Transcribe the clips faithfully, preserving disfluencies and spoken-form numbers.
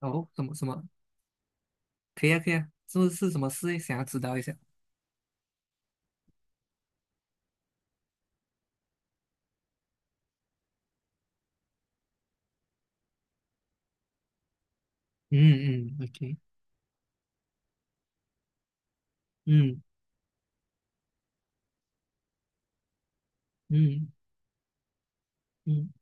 哦，什么什么？可以啊，可以啊，是不是什么事？想要知道一下。嗯嗯，OK，嗯嗯嗯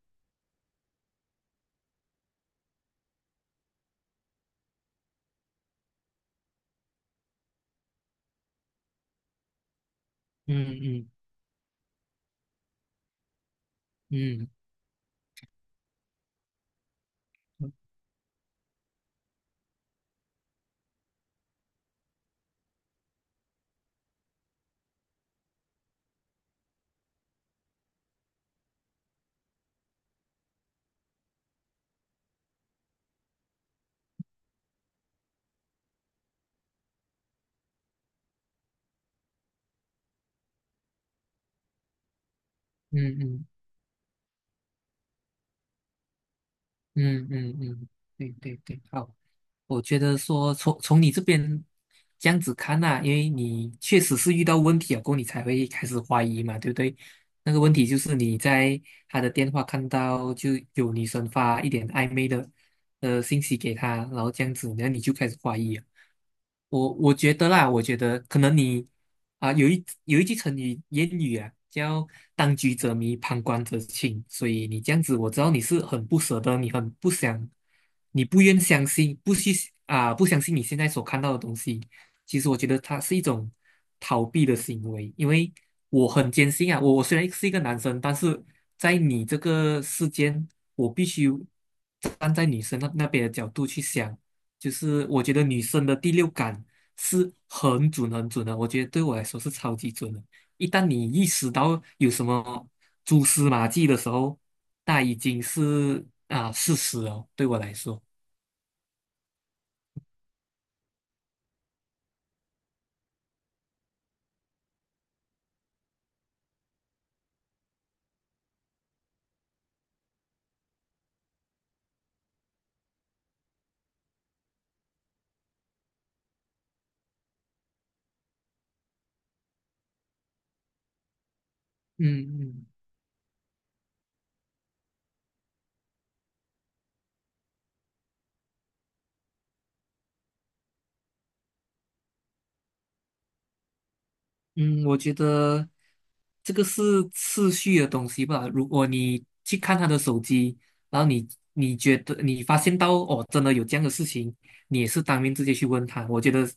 嗯嗯嗯嗯嗯嗯嗯嗯，对对对，好，我觉得说从从你这边这样子看呐、因为你确实是遇到问题了，过后你才会开始怀疑嘛，对不对？那个问题就是你在他的电话看到就有女生发一点暧昧的呃信息给他，然后这样子，然后你就开始怀疑了。我我觉得啦，我觉得可能你啊、有一有一句成语谚语啊，叫"当局者迷，旁观者清"。所以你这样子，我知道你是很不舍得，你很不想，你不愿相信，不去啊、不相信你现在所看到的东西。其实我觉得它是一种逃避的行为，因为我很坚信啊，我我虽然是一个男生，但是在你这个世间，我必须站在女生那那边的角度去想。就是我觉得女生的第六感是很准很准的，我觉得对我来说是超级准的。一旦你意识到有什么蛛丝马迹的时候，那已经是啊事实哦。对我来说。嗯嗯嗯，我觉得这个是次序的东西吧。如果你去看他的手机，然后你你觉得你发现到哦，真的有这样的事情，你也是当面直接去问他。我觉得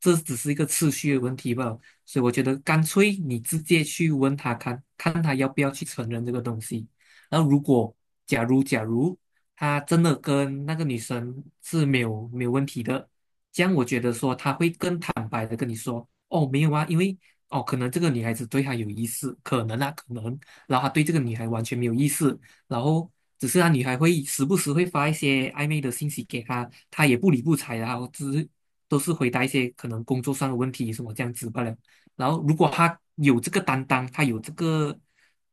这只是一个次序的问题吧。所以我觉得干脆你直接去问他看，看他要不要去承认这个东西。然后如果假如假如他真的跟那个女生是没有没有问题的，这样我觉得说他会更坦白的跟你说。哦，没有啊，因为哦，可能这个女孩子对他有意思，可能啊，可能，然后他对这个女孩完全没有意思，然后只是他女孩会时不时会发一些暧昧的信息给他，他也不理不睬，然后只是都是回答一些可能工作上的问题什么这样子罢了。然后如果他有这个担当，他有这个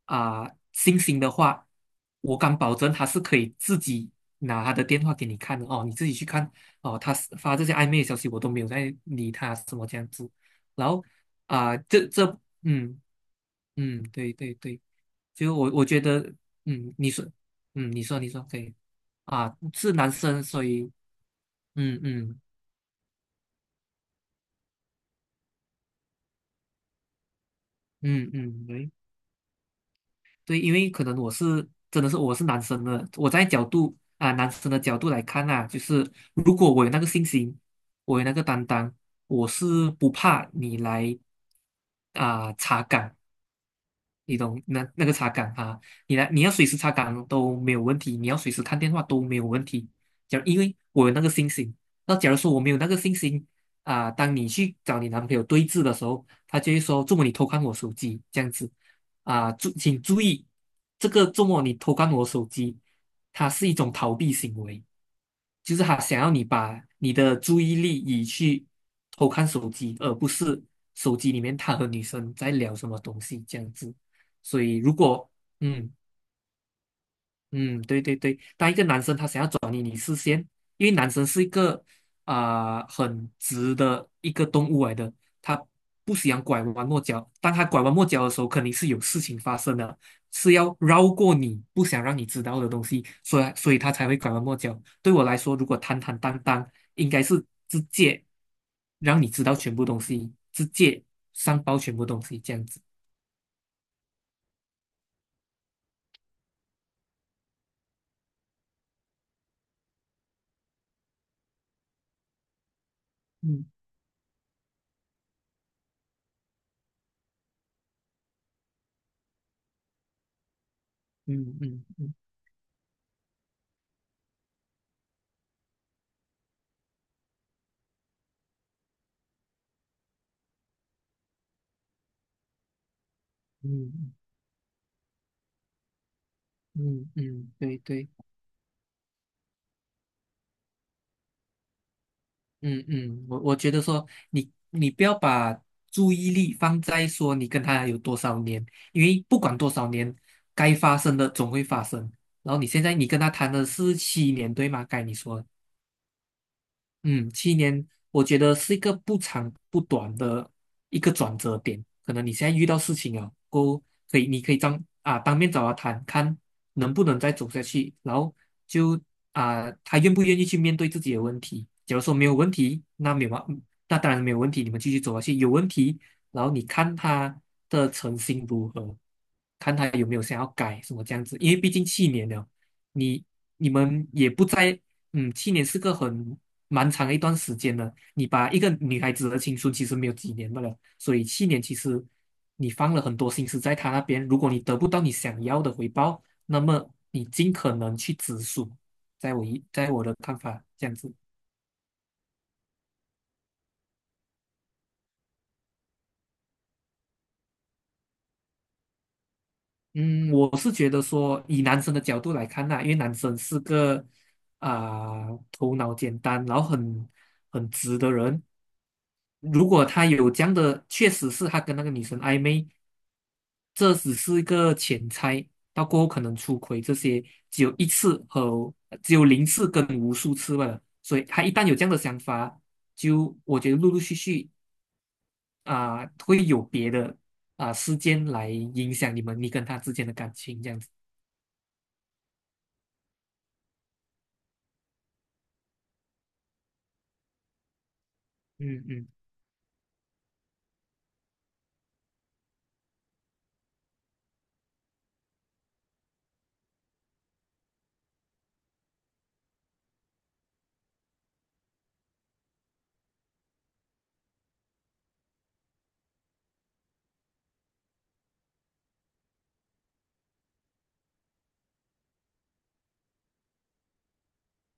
啊、信心的话，我敢保证他是可以自己拿他的电话给你看的哦，你自己去看哦，他发这些暧昧的消息我都没有在理他什么这样子。然后啊，这这，嗯嗯，对对对，就我我觉得，嗯，你说，嗯，你说你说可以，啊，是男生，所以，嗯嗯嗯嗯，对对，因为可能我是真的是我是男生的，我在角度啊男生的角度来看啊，就是如果我有那个信心，我有那个担当，我是不怕你来啊、查岗，你懂那那个擦杆啊，你来你要随时擦杆都没有问题，你要随时看电话都没有问题。假如因为我有那个信心，那假如说我没有那个信心啊、当你去找你男朋友对峙的时候，他就会说："周末你偷看我手机这样子啊，注、请注意，这个周末你偷看我手机，它是一种逃避行为。"就是他想要你把你的注意力移去偷看手机，而不是手机里面他和女生在聊什么东西这样子。所以如果嗯嗯，对对对，当一个男生他想要转移你视线，因为男生是一个啊、很直的一个动物来的，他不喜欢拐弯抹角。当他拐弯抹角的时候，肯定是有事情发生的，是要绕过你不想让你知道的东西，所以所以他才会拐弯抹角。对我来说，如果坦坦荡荡，应该是直接让你知道全部东西，直接上报全部东西这样子。嗯嗯嗯嗯嗯嗯嗯，嗯，对对。嗯嗯，我我觉得说你你不要把注意力放在说你跟他有多少年，因为不管多少年，该发生的总会发生。然后你现在你跟他谈的是七年，对吗？该你说的。嗯，七年，我觉得是一个不长不短的一个转折点。可能你现在遇到事情啊，过后可以，你可以当啊当面找他谈，看能不能再走下去，然后就啊他愿不愿意去面对自己的问题。假如说没有问题，那没有嘛，那当然没有问题，你们继续走下去。有问题，然后你看他的诚心如何，看他有没有想要改什么这样子。因为毕竟七年了，你你们也不在。嗯，七年是个很蛮长的一段时间的。你把一个女孩子的青春其实没有几年的了，所以七年其实你放了很多心思在她那边。如果你得不到你想要的回报，那么你尽可能去止损。在我一，在我的看法，这样子。嗯，我是觉得说，以男生的角度来看呐、因为男生是个啊、头脑简单，然后很很直的人，如果他有这样的，确实是他跟那个女生暧昧，这只是一个浅猜，到过后可能出轨这些只有一次和只有零次跟无数次罢了。所以他一旦有这样的想法，就我觉得陆陆续续啊、会有别的啊、事件来影响你们你跟他之间的感情这样子。嗯嗯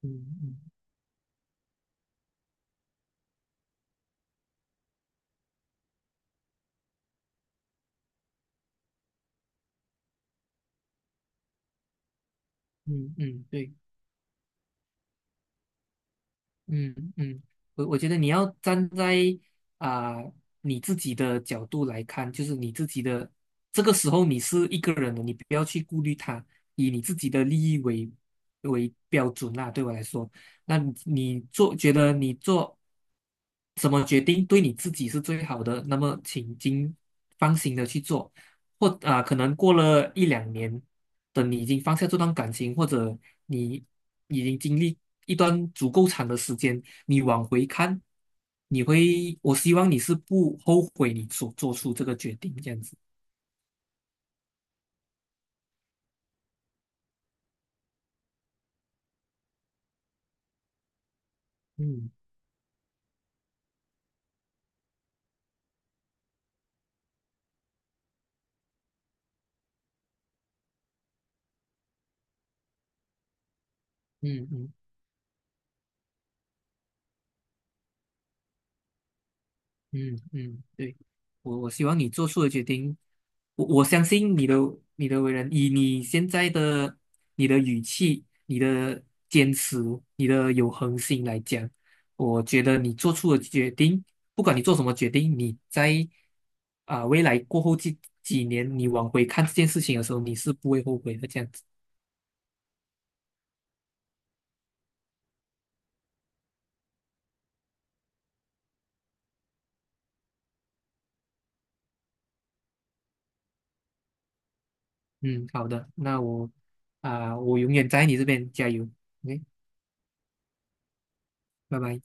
嗯嗯嗯嗯，对。嗯嗯，我我觉得你要站在啊、你自己的角度来看，就是你自己的这个时候你是一个人的，你不要去顾虑他，以你自己的利益为为标准啦。对我来说，那你你做觉得你做什么决定对你自己是最好的，那么请尽放心的去做。或啊、可能过了一两年，等你已经放下这段感情，或者你已经经历一段足够长的时间，你往回看，你会，我希望你是不后悔你所做出这个决定，这样子。嗯嗯嗯。嗯嗯，对，我我希望你做出的决定，我我相信你的你的为人，以你现在的你的语气、你的坚持、你的有恒心来讲，我觉得你做出的决定，不管你做什么决定，你在啊、未来过后这几年，你往回看这件事情的时候，你是不会后悔的。这样子，嗯，好的，那我啊、我永远在你这边加油，OK,拜拜。